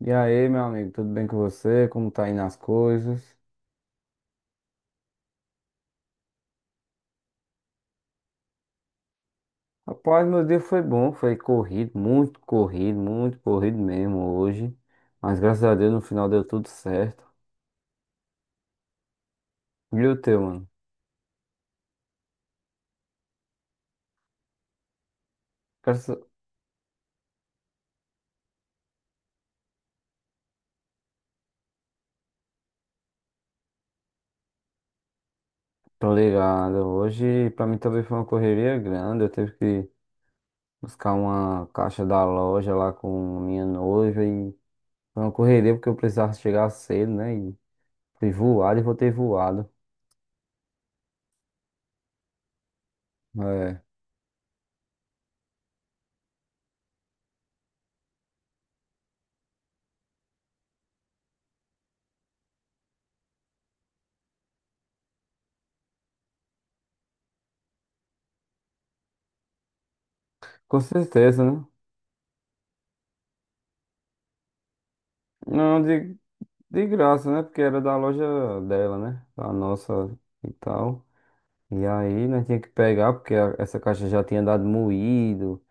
E aí, meu amigo, tudo bem com você? Como tá indo as coisas? Rapaz, meu dia foi bom, foi corrido, muito corrido, muito corrido mesmo hoje. Mas graças a Deus no final deu tudo certo. E o teu, mano? Graças... Tô ligado. Hoje pra mim também foi uma correria grande. Eu tive que buscar uma caixa da loja lá com minha noiva e foi uma correria porque eu precisava chegar cedo, né? E fui voado e voltei voado. É, com certeza, né? Não, digo. De graça, né? Porque era da loja dela, né? A nossa e tal. E aí nós tinha que pegar, porque essa caixa já tinha dado moído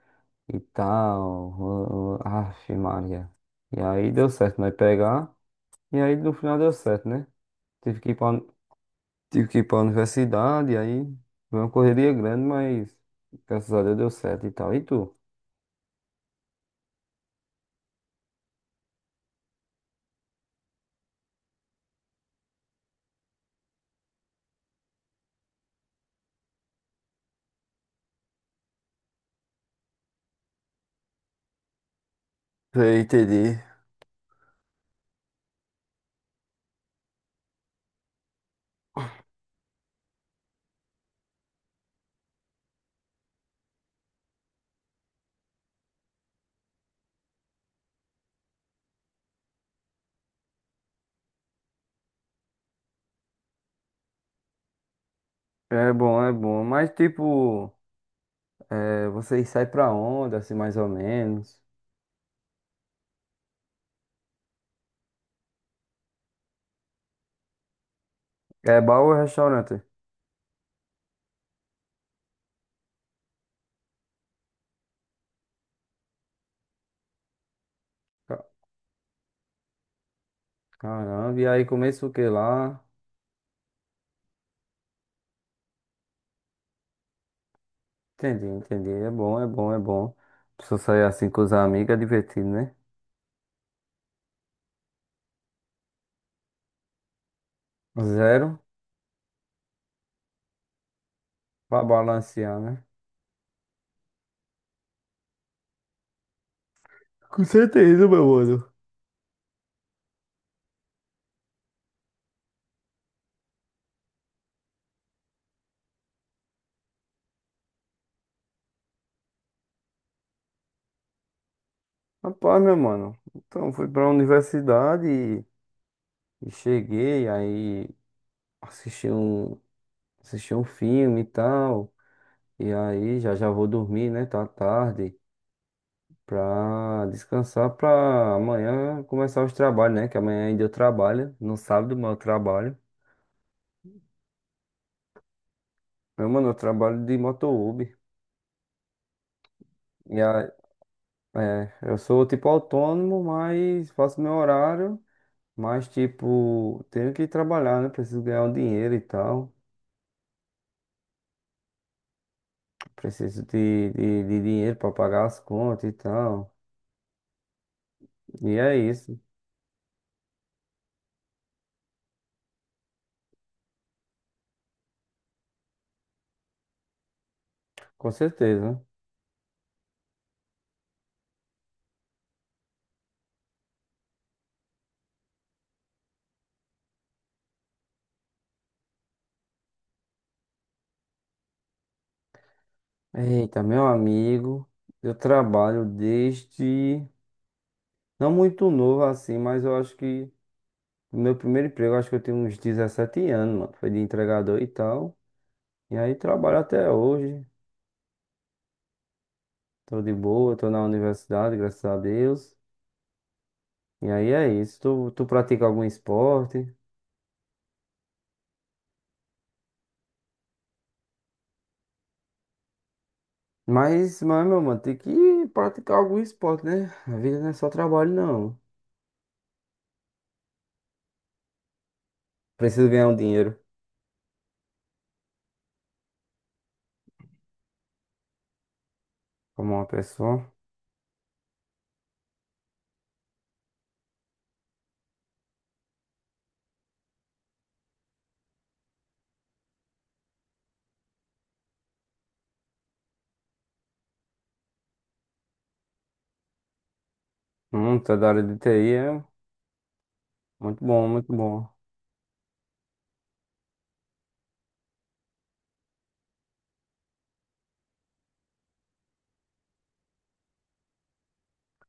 e tal. Aff, Maria. E aí deu certo nós pegar. E aí no final deu certo, né? Tive que ir pra, Tive que ir pra universidade, e aí foi uma correria grande, mas graças a Deus deu certo e tal. E tu? Sei, entendi. É bom, é bom. Mas tipo, é, vocês saem pra onde, assim, mais ou menos? É bar ou restaurante? Ca- Caramba, e aí começa o que lá? Entendi, entendi. É bom, é bom, é bom. Precisa sair assim com os amigos, é divertido, né? Zero pra balancear, né? Com certeza, meu mano. Rapaz, meu mano. Então, fui pra universidade e cheguei, aí assisti um, assisti um filme e tal. E aí já já vou dormir, né? Tá tarde. Pra descansar pra amanhã começar os trabalhos, né? Que amanhã ainda eu trabalho. No sábado, mas eu trabalho. Meu mano, eu trabalho de moto Uber. E a, é, eu sou tipo autônomo, mas faço meu horário. Mas tipo, tenho que trabalhar, né? Preciso ganhar um dinheiro e tal. Preciso de dinheiro pra pagar as contas e tal. E é isso, com certeza. Eita, meu amigo, eu trabalho desde. Não muito novo assim, mas eu acho que. O meu primeiro emprego, acho que eu tinha uns 17 anos, mano. Foi de entregador e tal. E aí trabalho até hoje. Tô de boa, tô na universidade, graças a Deus. E aí é isso. Tu pratica algum esporte? Meu mano, tem que praticar algum esporte, né? A vida não é só trabalho, não. Preciso ganhar um dinheiro como uma pessoa. Tá da área de TI, é muito bom, muito bom.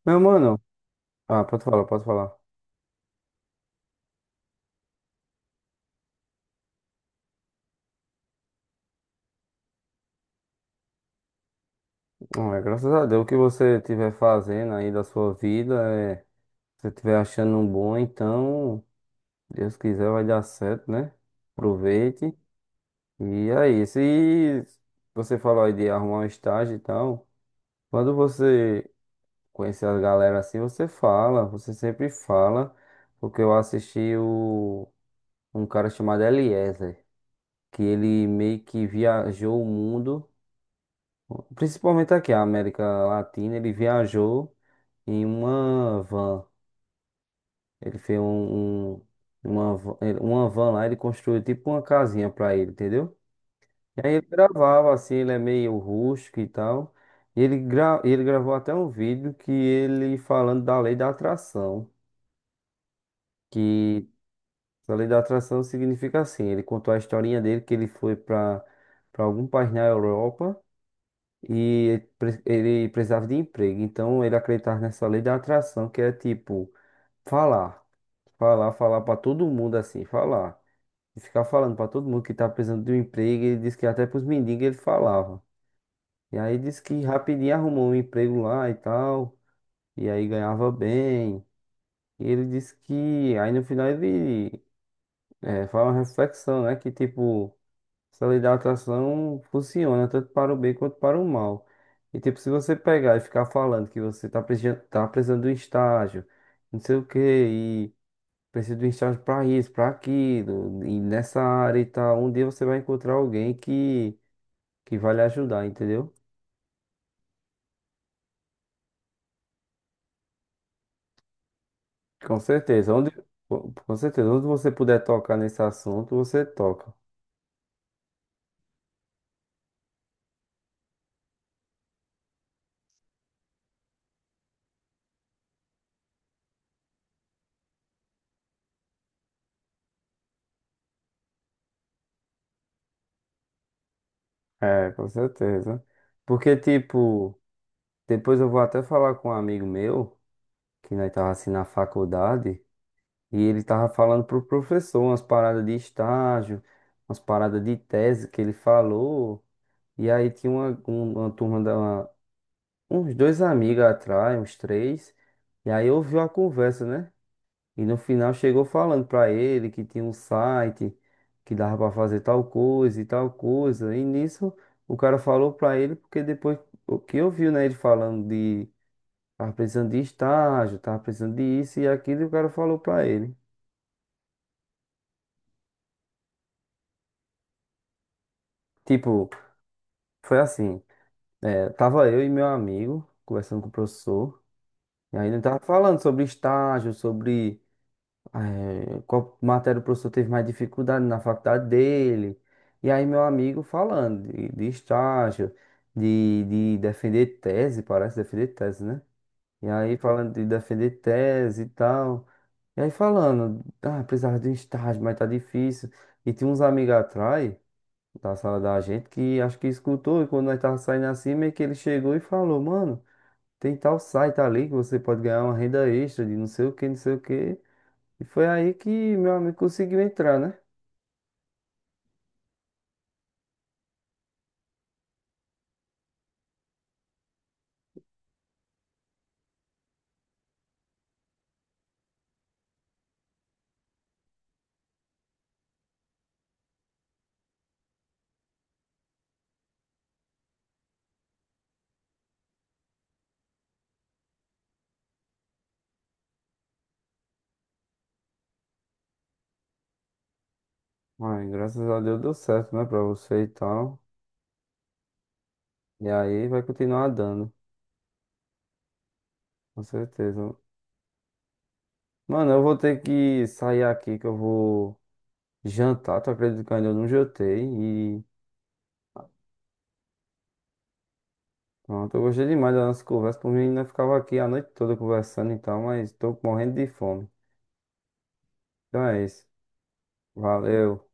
Meu mano, ah, pode falar, pode falar. É, graças a Deus o que você estiver fazendo aí da sua vida é. Se você estiver achando um bom, então, Deus quiser, vai dar certo, né? Aproveite. E aí, se você falou aí de arrumar um estágio e tal, quando você conhecer a galera assim, você fala, você sempre fala, porque um cara chamado Eliezer, que ele meio que viajou o mundo, principalmente aqui, a América Latina, ele viajou em uma van. Ele fez um, um- uma, van- ele- uma van lá, ele construiu tipo uma casinha pra ele, entendeu? E aí ele gravava assim, ele é meio rústico e tal. E ele, gra, ele gravou até um vídeo que ele falando da lei da atração. Que a lei da atração significa assim, ele contou a historinha dele que ele foi pra para algum país na Europa e ele precisava de emprego. Então ele acreditava nessa lei da atração, que é tipo falar, falar pra todo mundo assim, falar. E ficar falando pra todo mundo que tá precisando de um emprego. Ele disse que até pros mendigos ele falava. E aí disse que rapidinho arrumou um emprego lá e tal. E aí ganhava bem. E ele disse que aí no final ele faz uma reflexão, né? Que tipo, essa lei da atração funciona tanto para o bem quanto para o mal. E tipo, se você pegar e ficar falando que você tá precisando de um estágio, não sei o quê, preciso de um estágio para isso, para aquilo, e nessa área e tal. Um dia você vai encontrar que vai lhe ajudar, entendeu? Com certeza. Com certeza, onde você puder tocar nesse assunto, você toca. É, com certeza. Porque, tipo, depois eu vou até falar com um amigo meu, que nós tava assim na faculdade, e ele tava falando pro professor umas paradas de estágio, umas paradas de tese que ele falou. E aí tinha uma turma da. Uns dois amigos atrás, uns três. E aí ouviu a conversa, né? E no final chegou falando pra ele que tinha um site que dava pra fazer tal coisa. E nisso o cara falou pra ele porque depois o que ouviu, né, ele falando de tava precisando de isso e aquilo, e o cara falou pra ele. Tipo, foi assim, é, tava eu e meu amigo conversando com o professor, e aí ele tava falando sobre estágio, sobre. É, qual matéria o professor teve mais dificuldade na faculdade dele. E aí, meu amigo falando de estágio, de defender tese, parece defender tese, né? E aí, falando de defender tese e tal. E aí, falando, ah, precisava de um estágio, mas tá difícil. E tinha uns amigos atrás da sala da gente que acho que escutou. E quando nós tava saindo assim, meio que ele chegou e falou: Mano, tem tal site ali que você pode ganhar uma renda extra de não sei o que, não sei o que. E foi aí que meu amigo conseguiu entrar, né? Ai, graças a Deus deu certo, né, pra você e tal. E aí vai continuar dando, com certeza. Mano, eu vou ter que sair aqui que eu vou jantar. Tu acredita que eu ainda não jantei? E pronto, eu gostei demais da nossa conversa. Por mim, ainda ficava aqui a noite toda conversando e tal, mas tô morrendo de fome. Então é isso. Valeu.